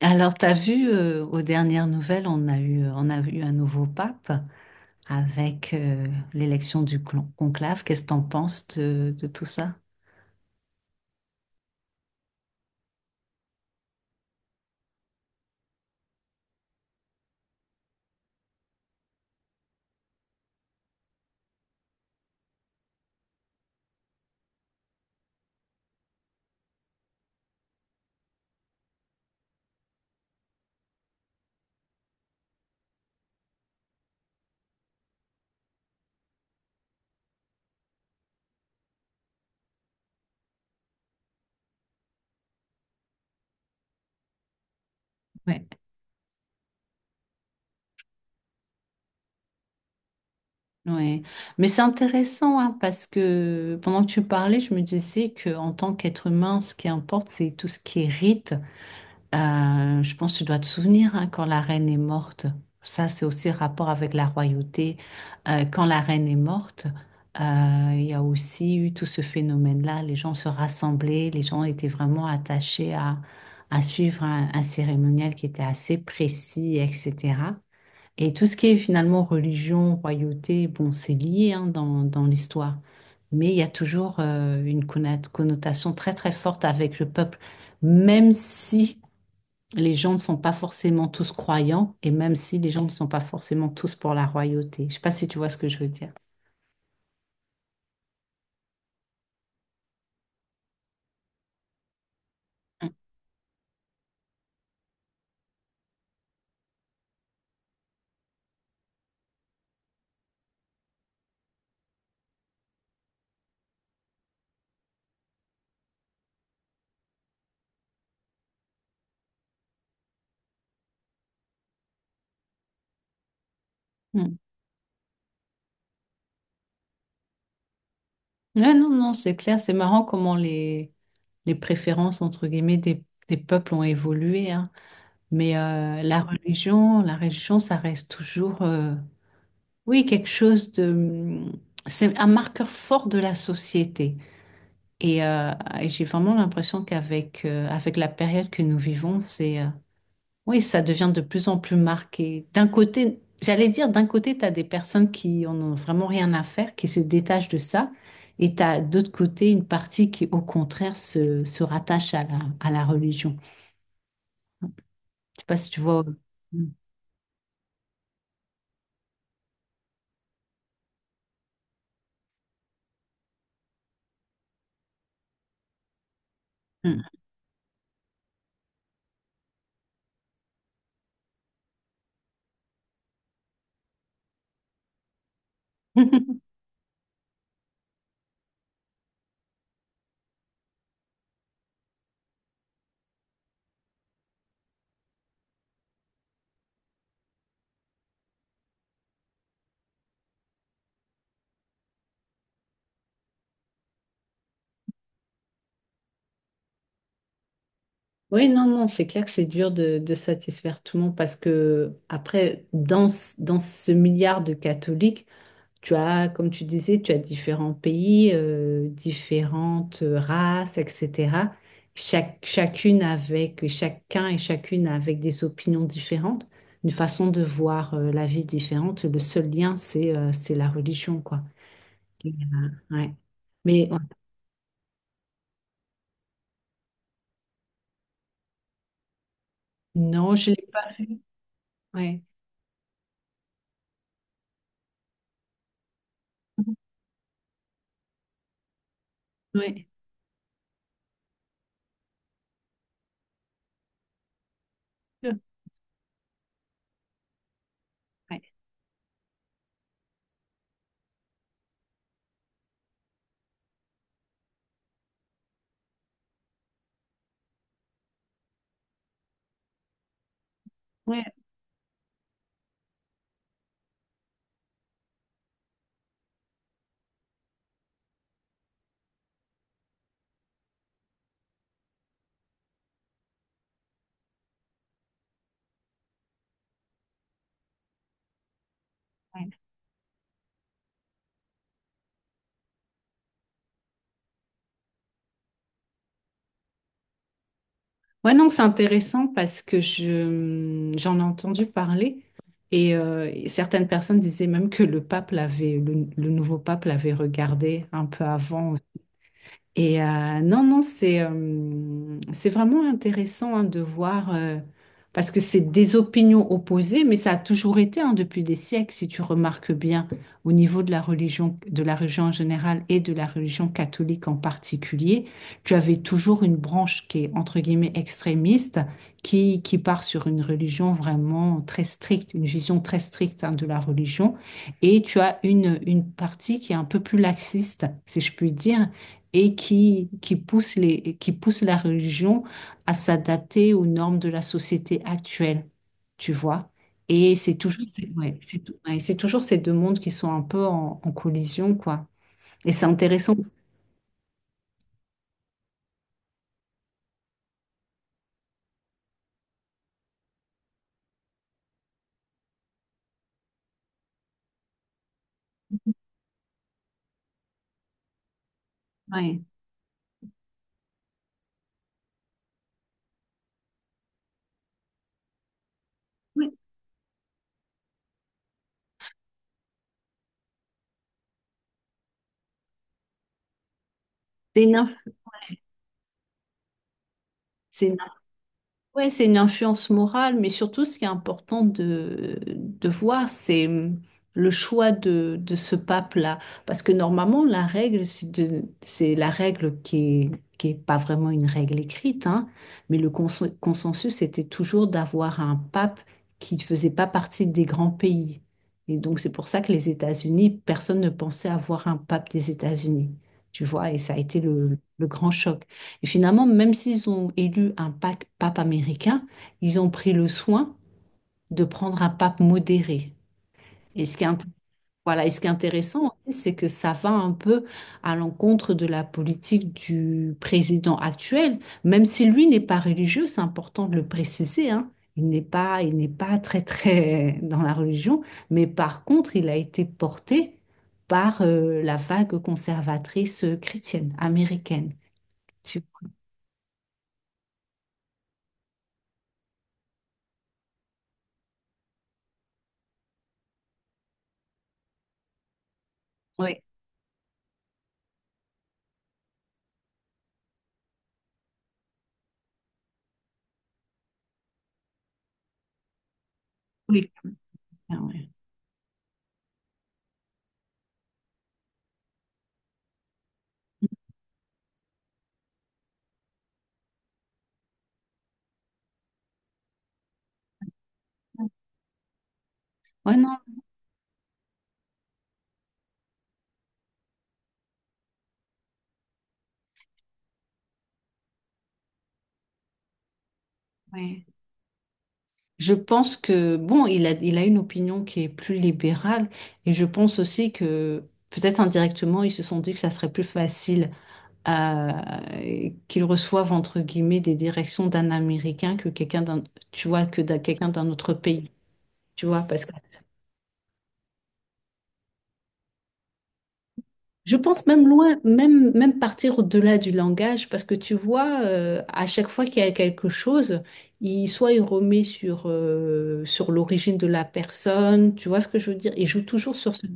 Alors, t'as vu, aux dernières nouvelles, on a eu un nouveau pape avec l'élection du conclave. Qu'est-ce que t'en penses de tout ça? Ouais. Ouais. Mais c'est intéressant, hein, parce que pendant que tu parlais, je me disais que en tant qu'être humain, ce qui importe, c'est tout ce qui est rite. Je pense que tu dois te souvenir, hein, quand la reine est morte. Ça, c'est aussi rapport avec la royauté. Quand la reine est morte, euh, il y a aussi eu tout ce phénomène-là. Les gens se rassemblaient, les gens étaient vraiment attachés à suivre un cérémonial qui était assez précis, etc. Et tout ce qui est finalement religion, royauté, bon, c'est lié, hein, dans l'histoire. Mais il y a toujours une connotation très très forte avec le peuple, même si les gens ne sont pas forcément tous croyants et même si les gens ne sont pas forcément tous pour la royauté. Je sais pas si tu vois ce que je veux dire. Hmm. Ouais, non, non, c'est clair, c'est marrant comment les préférences, entre guillemets, des peuples ont évolué, hein. Mais la religion, ça reste toujours... Oui, quelque chose de... C'est un marqueur fort de la société. Et, euh, et j'ai vraiment l'impression qu'avec avec la période que nous vivons, c'est... oui, ça devient de plus en plus marqué. D'un côté, j'allais dire, d'un côté, tu as des personnes qui en ont vraiment rien à faire, qui se détachent de ça. Et tu as d'autre côté une partie qui, au contraire, se rattache à la religion. Je sais pas si tu vois. Mm. Oui, non, non, c'est clair que c'est dur de satisfaire tout le monde parce que, après, dans ce milliard de catholiques, tu as, comme tu disais, tu as différents pays, différentes races, etc. Chacun et chacune avec des opinions différentes, une façon de voir, la vie différente. Le seul lien, c'est la religion, quoi. Et, euh, ouais. Mais ouais. Non, je l'ai. Ouais. Ouais. Ouais. Ouais, non, c'est intéressant parce que j'en ai entendu parler et certaines personnes disaient même que le pape l'avait, le nouveau pape l'avait regardé un peu avant non, non, c'est vraiment intéressant, hein, de voir, parce que c'est des opinions opposées, mais ça a toujours été, hein, depuis des siècles, si tu remarques bien, au niveau de la religion en général et de la religion catholique en particulier, tu avais toujours une branche qui est entre guillemets extrémiste, qui part sur une religion vraiment très stricte, une vision très stricte, hein, de la religion, et tu as une partie qui est un peu plus laxiste, si je puis dire et qui pousse la religion à s'adapter aux normes de la société actuelle, tu vois. Et c'est toujours, ouais, ouais, c'est toujours ces deux mondes qui sont un peu en collision, quoi. Et c'est intéressant. Ouais. Ouais. C'est une, inf- c'est Ouais, c'est une influence morale, mais surtout ce qui est important de voir, c'est le choix de ce pape-là. Parce que normalement, la règle, c'est la règle est, qui est pas vraiment une règle écrite, hein, mais le consensus, était toujours d'avoir un pape qui ne faisait pas partie des grands pays. Et donc, c'est pour ça que les États-Unis, personne ne pensait avoir un pape des États-Unis, tu vois, et ça a été le grand choc. Et finalement, même s'ils ont élu un pape américain, ils ont pris le soin de prendre un pape modéré. Et ce qui est, int- Voilà, et ce qui est intéressant, c'est que ça va un peu à l'encontre de la politique du président actuel, même si lui n'est pas religieux, c'est important de le préciser, hein. Il n'est pas très, très dans la religion, mais par contre, il a été porté par la vague conservatrice, chrétienne, américaine. Tu- Oui, oui. Ouais, non, ouais. Je pense que, bon, il a une opinion qui est plus libérale et je pense aussi que peut-être indirectement, ils se sont dit que ça serait plus facile à, qu'ils reçoivent, entre guillemets, des directions d'un Américain que quelqu'un d'un, tu vois, que d'un quelqu'un d'un autre pays, tu vois, parce que. Je pense même loin, même partir au-delà du langage, parce que tu vois, à chaque fois qu'il y a quelque chose, soit il remet sur, sur l'origine de la personne, tu vois ce que je veux dire? Il joue toujours sur ce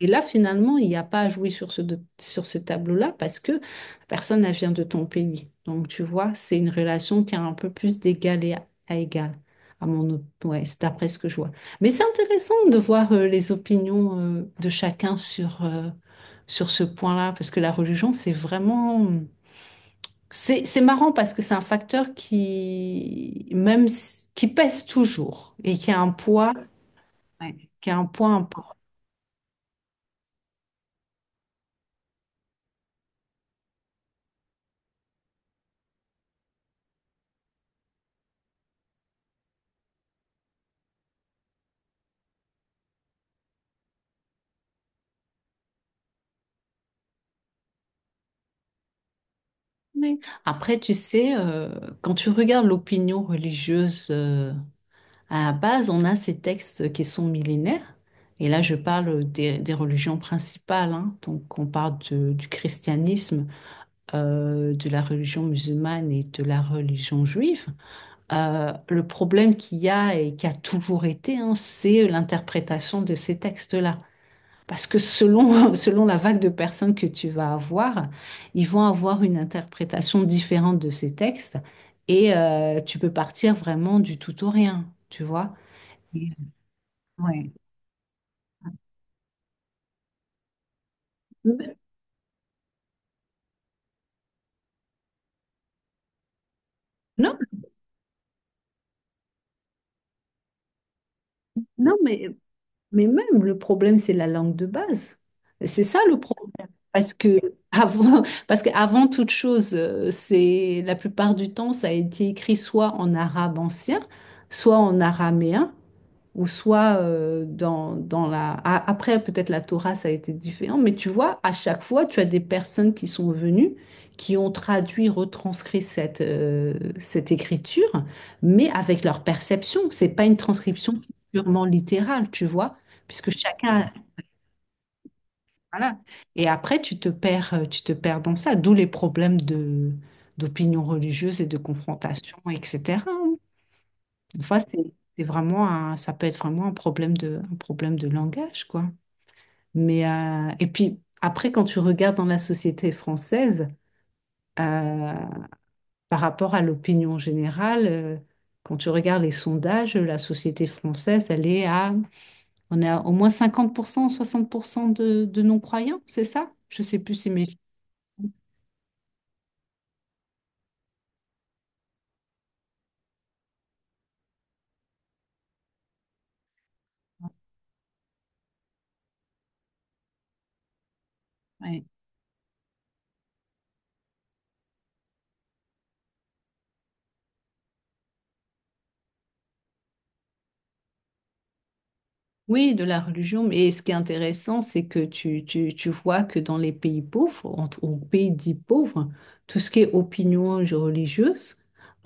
et là, finalement, il n'y a pas à jouer sur ce, sur ce tableau-là parce que la personne, elle vient de ton pays. Donc, tu vois, c'est une relation qui est un peu plus d'égal et à égal, ouais, c'est d'après ce que je vois. Mais c'est intéressant de voir les opinions de chacun sur ce point-là parce que la religion, c'est vraiment... C'est marrant parce que c'est un facteur qui pèse toujours et qui a un poids, ouais, qui a un poids important. Oui. Après, tu sais, quand tu regardes l'opinion religieuse, à la base, on a ces textes qui sont millénaires. Et là, je parle des religions principales, hein. Donc, on parle du christianisme, de la religion musulmane et de la religion juive. Le problème qu'il y a et qui a toujours été, hein, c'est l'interprétation de ces textes-là. Parce que selon la vague de personnes que tu vas avoir, ils vont avoir une interprétation différente de ces textes et tu peux partir vraiment du tout au rien, tu vois. Et- Ouais. Mais- Non, non, mais même le problème, c'est la langue de base. C'est ça le problème. Parce que parce qu'avant toute chose, c'est la plupart du temps, ça a été écrit soit en arabe ancien, soit en araméen. Ou soit dans la... Après, peut-être la Torah, ça a été différent, mais tu vois, à chaque fois, tu as des personnes qui sont venues, qui ont traduit, retranscrit cette écriture, mais avec leur perception. C'est pas une transcription purement littérale, tu vois, puisque chacun... Voilà. Et après, tu te perds dans ça, d'où les problèmes de d'opinion religieuse et de confrontation, etc. Des fois, c'est vraiment ça peut être vraiment un problème de langage, quoi. Mais, et puis, après, quand tu regardes dans la société française, euh, par rapport à l'opinion générale, quand tu regardes les sondages, la société française, on a au moins 50%, 60% de non-croyants, c'est ça? Je sais plus si mes... Ouais. Oui, de la religion, mais ce qui est intéressant, c'est que tu vois que dans les pays pauvres, ou pays dits pauvres, tout ce qui est opinion religieuse,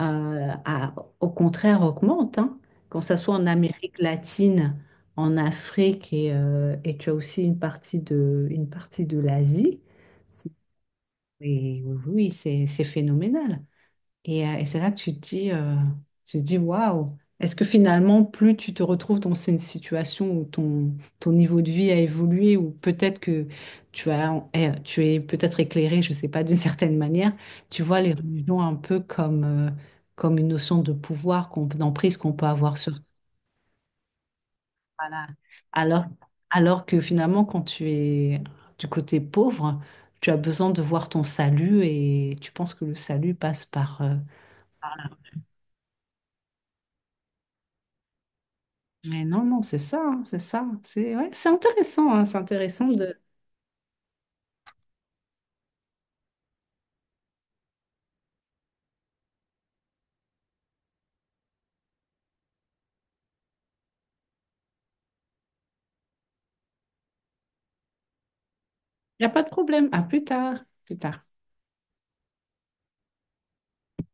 euh, au contraire, augmente, hein. Quand ça soit en Amérique latine, en Afrique, et tu as aussi une partie de l'Asie, c'est- et oui, oui, c'est phénoménal. Et c'est là que tu te dis, waouh, est-ce que finalement, plus tu te retrouves dans une situation où ton niveau de vie a évolué, ou peut-être que tu es peut-être éclairé, je sais pas, d'une certaine manière, tu vois les religions un peu comme une notion de pouvoir, d'emprise qu'on peut avoir sur toi. Voilà. Alors, alors que finalement, quand tu es du côté pauvre, tu as besoin de voir ton salut et tu penses que le salut passe par. Mais non, non, c'est ça, hein, c'est ça. C'est ouais, c'est intéressant, hein, c'est intéressant de... Il n'y a pas de problème. À plus tard. Plus tard.